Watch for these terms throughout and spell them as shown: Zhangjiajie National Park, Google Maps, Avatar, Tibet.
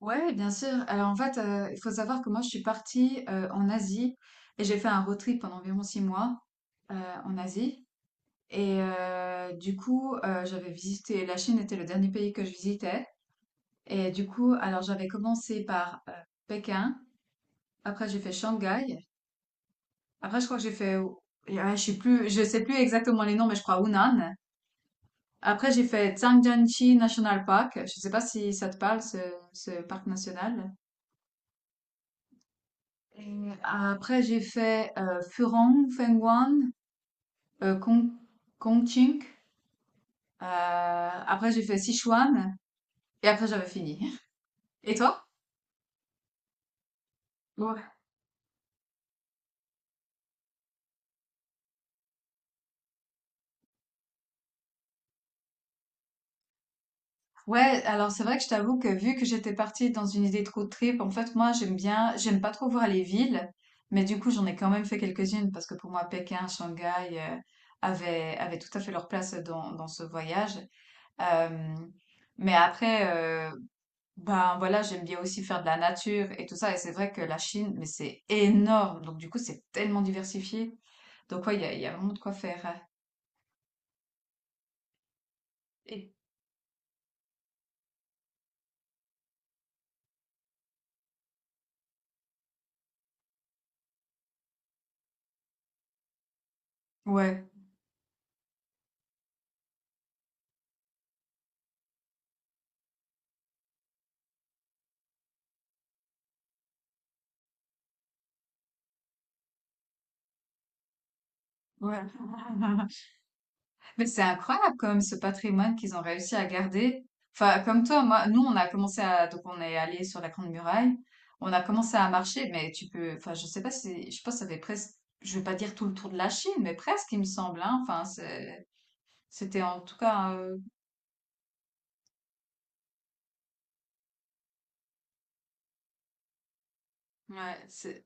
Ouais, bien sûr. Alors en fait, il faut savoir que moi je suis partie, en Asie et j'ai fait un road trip pendant environ 6 mois, heu, en Asie et du coup, j'avais visité la Chine était le dernier pays que je visitais. Et du coup, alors j'avais commencé par, Pékin, après j'ai fait Shanghai, après je crois que j'ai fait ou je sais plus exactement les noms, mais je crois Hunan. Après j'ai fait Zhangjiajie National Park, je sais pas si ça te parle ce parc national? Et après, j'ai fait Furong, Fengguan, Kong, Ching. Après, j'ai fait Sichuan. Et après, j'avais fini. Et toi? Ouais. Ouais, alors c'est vrai que je t'avoue que vu que j'étais partie dans une idée de road trip, en fait, moi, j'aime bien, j'aime pas trop voir les villes. Mais du coup, j'en ai quand même fait quelques-unes parce que pour moi, Pékin, Shanghai euh, avaient tout à fait leur place dans ce voyage. Euh, mais après, ben voilà, j'aime bien aussi faire de la nature et tout ça. Et c'est vrai que la Chine, mais c'est énorme. Donc du coup, c'est tellement diversifié. Donc ouais, il y a vraiment de quoi faire, hein. Et ouais, ouais. Mais c'est incroyable quand même ce patrimoine qu'ils ont réussi à garder. Enfin, comme toi, moi, nous, on a commencé à, donc on est allé sur la Grande Muraille. On a commencé à marcher, mais tu peux, enfin, je sais pas si, je pense que ça fait presque, je vais pas dire tout le tour de la Chine, mais presque, il me semble, hein. Enfin, c'était en tout cas, ouais,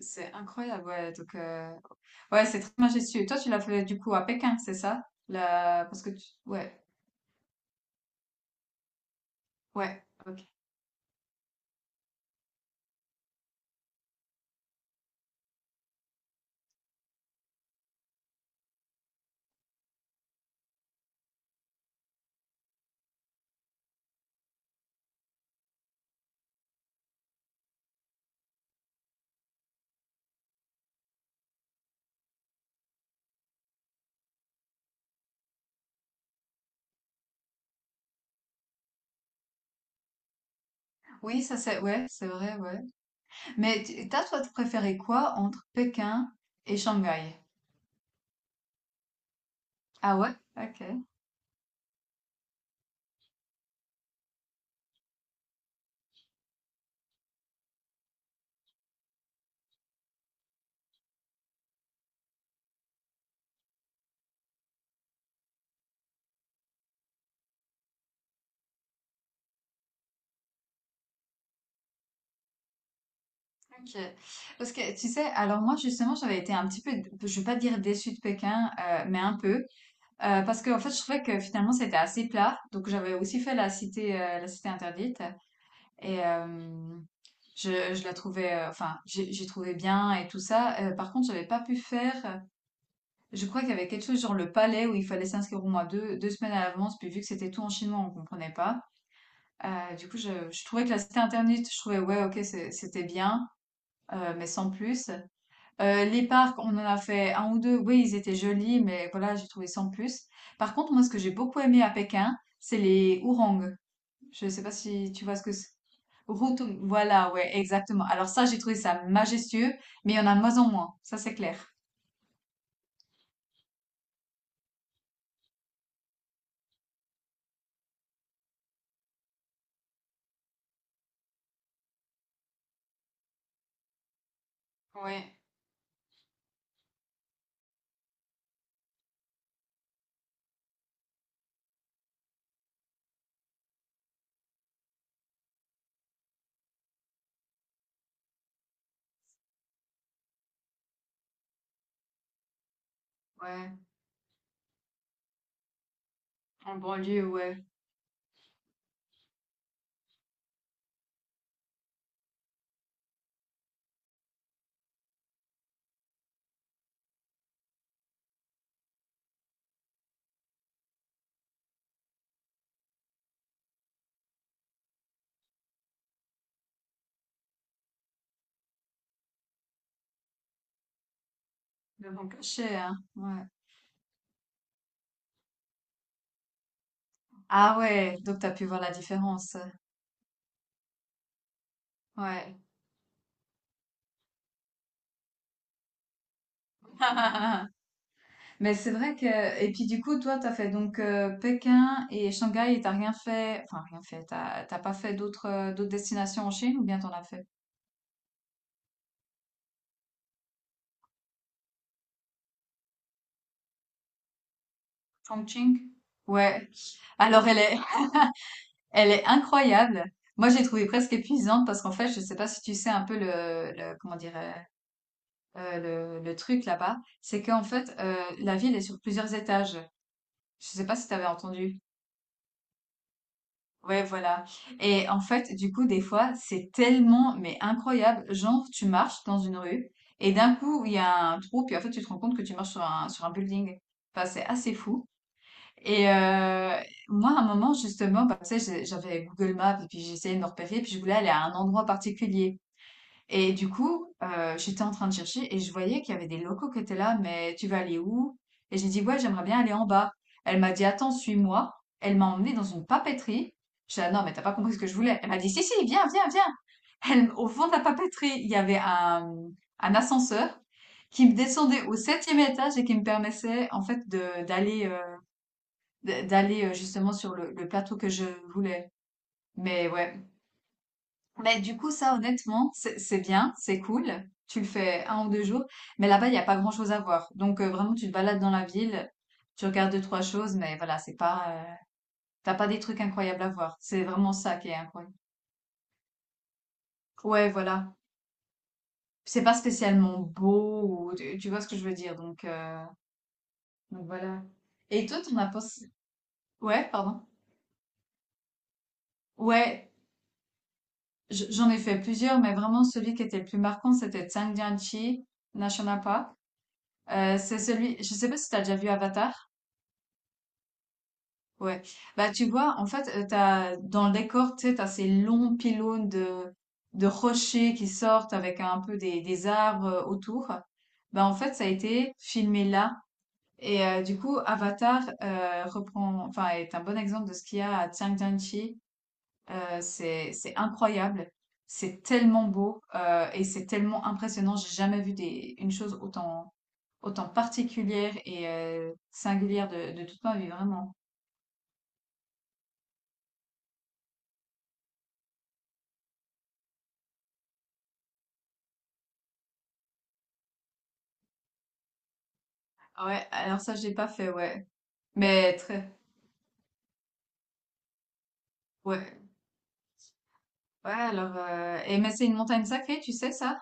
c'est incroyable, ouais, donc ouais, c'est très majestueux. Toi, tu l'as fait, du coup, à Pékin, c'est ça? La parce que tu ouais, ouais, OK. Oui, ça c'est ouais, c'est vrai, ouais. Mais tu toi, préféré quoi entre Pékin et Shanghai? Ah ouais? OK, OK. Parce que tu sais, alors moi, justement, j'avais été un petit peu, je vais pas dire déçue de Pékin, mais un peu, parce que, en fait, je trouvais que finalement, c'était assez plat. Donc j'avais aussi fait la cité interdite et hem je la trouvais, enfin, j'ai trouvé bien et tout ça. Par contre, j'avais pas pu faire. Je crois qu'il y avait quelque chose genre le palais où il fallait s'inscrire au moins 2 semaines à l'avance. Puis vu que c'était tout en chinois, on comprenait pas. Du coup, je trouvais que la cité internet, je trouvais ouais, ok, c'était bien, mais sans plus. Les parcs, on en a fait un ou deux. Oui, ils étaient jolis, mais voilà, j'ai trouvé sans plus. Par contre, moi, ce que j'ai beaucoup aimé à Pékin, c'est les ourangs. Je sais pas si tu vois ce que c'est. Voilà, ouais, exactement. Alors ça, j'ai trouvé ça majestueux, mais il y en a de moins en moins, ça c'est clair. Ouais, ouais, en banlieue, ouais, le vent caché, hein, ouais. Ah ouais, donc t'as pu voir la différence, ouais. Mais c'est vrai que, et puis du coup, toi, t'as fait donc Pékin et Shanghai et t'as rien fait, enfin rien fait, t'as pas fait d'autres destinations en Chine ou bien t'en as fait? Chongqing? Ouais. Alors elle est, elle est incroyable. Moi, j'ai trouvé presque épuisante parce qu'en fait, je ne sais pas si tu sais un peu le, comment dirais, le truc là-bas, c'est qu'en fait, la ville est sur plusieurs étages. Je ne sais pas si tu avais entendu. Ouais, voilà. Et en fait, du coup, des fois, c'est tellement, mais incroyable. Genre, tu marches dans une rue et d'un coup, il y a un trou, puis en fait, tu te rends compte que tu marches sur un building. Enfin, c'est assez fou. Et euh, Moi, à un moment, justement, bah, tu sais, j'avais Google Maps et puis j'essayais de me repérer, puis je voulais aller à un endroit particulier. Et du coup, j'étais en train de chercher et je voyais qu'il y avait des locaux qui étaient là, mais tu vas aller où? Et j'ai dit, ouais, j'aimerais bien aller en bas. Elle m'a dit, attends, suis-moi. Elle m'a emmenée dans une papeterie. Je dis ah non, mais t'as pas compris ce que je voulais. Elle m'a dit, si, si, viens, viens, viens. Elle, au fond de la papeterie, il y avait un ascenseur qui me descendait au septième étage et qui me permettait, en fait, d'aller justement sur le plateau que je voulais. Mais ouais. Mais du coup, ça honnêtement, c'est bien, c'est cool. Tu le fais 1 ou 2 jours, mais là-bas, il y a pas grand-chose à voir. Donc, vraiment, tu te balades dans la ville, tu regardes deux trois choses, mais voilà, c'est pas, tu pas des trucs incroyables à voir. C'est vraiment ça qui est incroyable. Ouais, voilà. C'est pas spécialement beau ou tu vois ce que je veux dire? Donc voilà. Et toi, tu en as pensé ouais, pardon? Ouais. J'en ai fait plusieurs, mais vraiment celui qui était le plus marquant, c'était Zhangjiajie National Park. C'est celui, je sais pas si t'as déjà vu Avatar. Ouais. Bah, tu vois, en fait, t'as, dans le décor, tu sais, t'as ces longs pylônes de rochers qui sortent avec un peu des arbres autour. Bah, en fait, ça a été filmé là. Du coup, Avatar reprend, enfin, est un bon exemple de ce qu'il y a à Zhangjiajie. C'est incroyable, c'est tellement beau, et c'est tellement impressionnant. J'ai jamais vu des une chose autant particulière et singulière de toute ma vie, vraiment. Ah ouais, alors ça, je l'ai pas fait, ouais. Mais très ouais. Ouais, alors, et mais c'est une montagne sacrée, tu sais ça?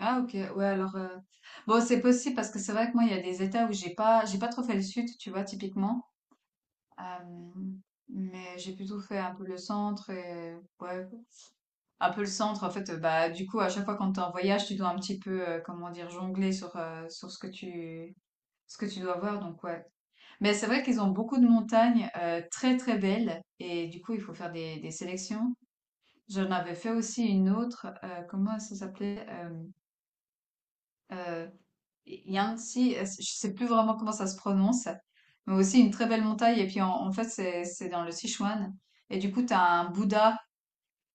Ah OK, ouais alors, bon c'est possible parce que c'est vrai que moi il y a des états où j'ai pas trop fait le sud, tu vois? Typiquement, hem, mais j'ai plutôt fait un peu le centre et ouais, un peu le centre en fait, bah, du coup à chaque fois quand tu es en voyage, tu dois un petit peu, comment dire? Jongler sur, sur ce que tu dois voir donc ouais. Mais c'est vrai qu'ils ont beaucoup de montagnes, très, très belles et du coup il faut faire des sélections. J'en avais fait aussi une autre, comment ça s'appelait? Euh, Il y a un petit, je sais plus vraiment comment ça se prononce, mais aussi une très belle montagne. Et puis en fait, c'est dans le Sichuan. Et du coup, tu as un Bouddha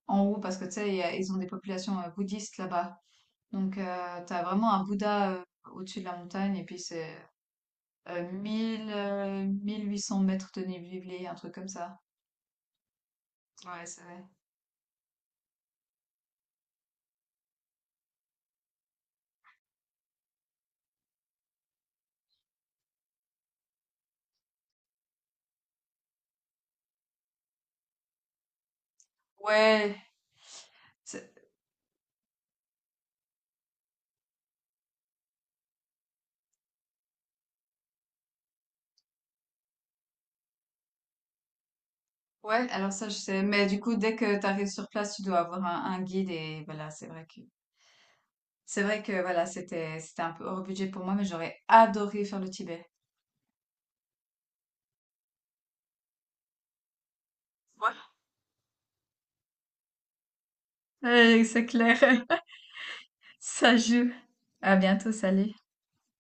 en haut parce que tu sais, ils ont des populations bouddhistes là-bas. Donc, tu as vraiment un Bouddha au-dessus de la montagne. Et puis, c'est 1 800 mètres de dénivelé, un truc comme ça. Ouais, c'est vrai. Ouais, c'est- ouais, alors ça, je sais. Mais du coup, dès que tu arrives sur place, tu dois avoir un guide. Et voilà, c'est vrai que voilà, c'était un peu hors budget pour moi, mais j'aurais adoré faire le Tibet. Ouais, c'est clair. Ça joue. À bientôt, salut.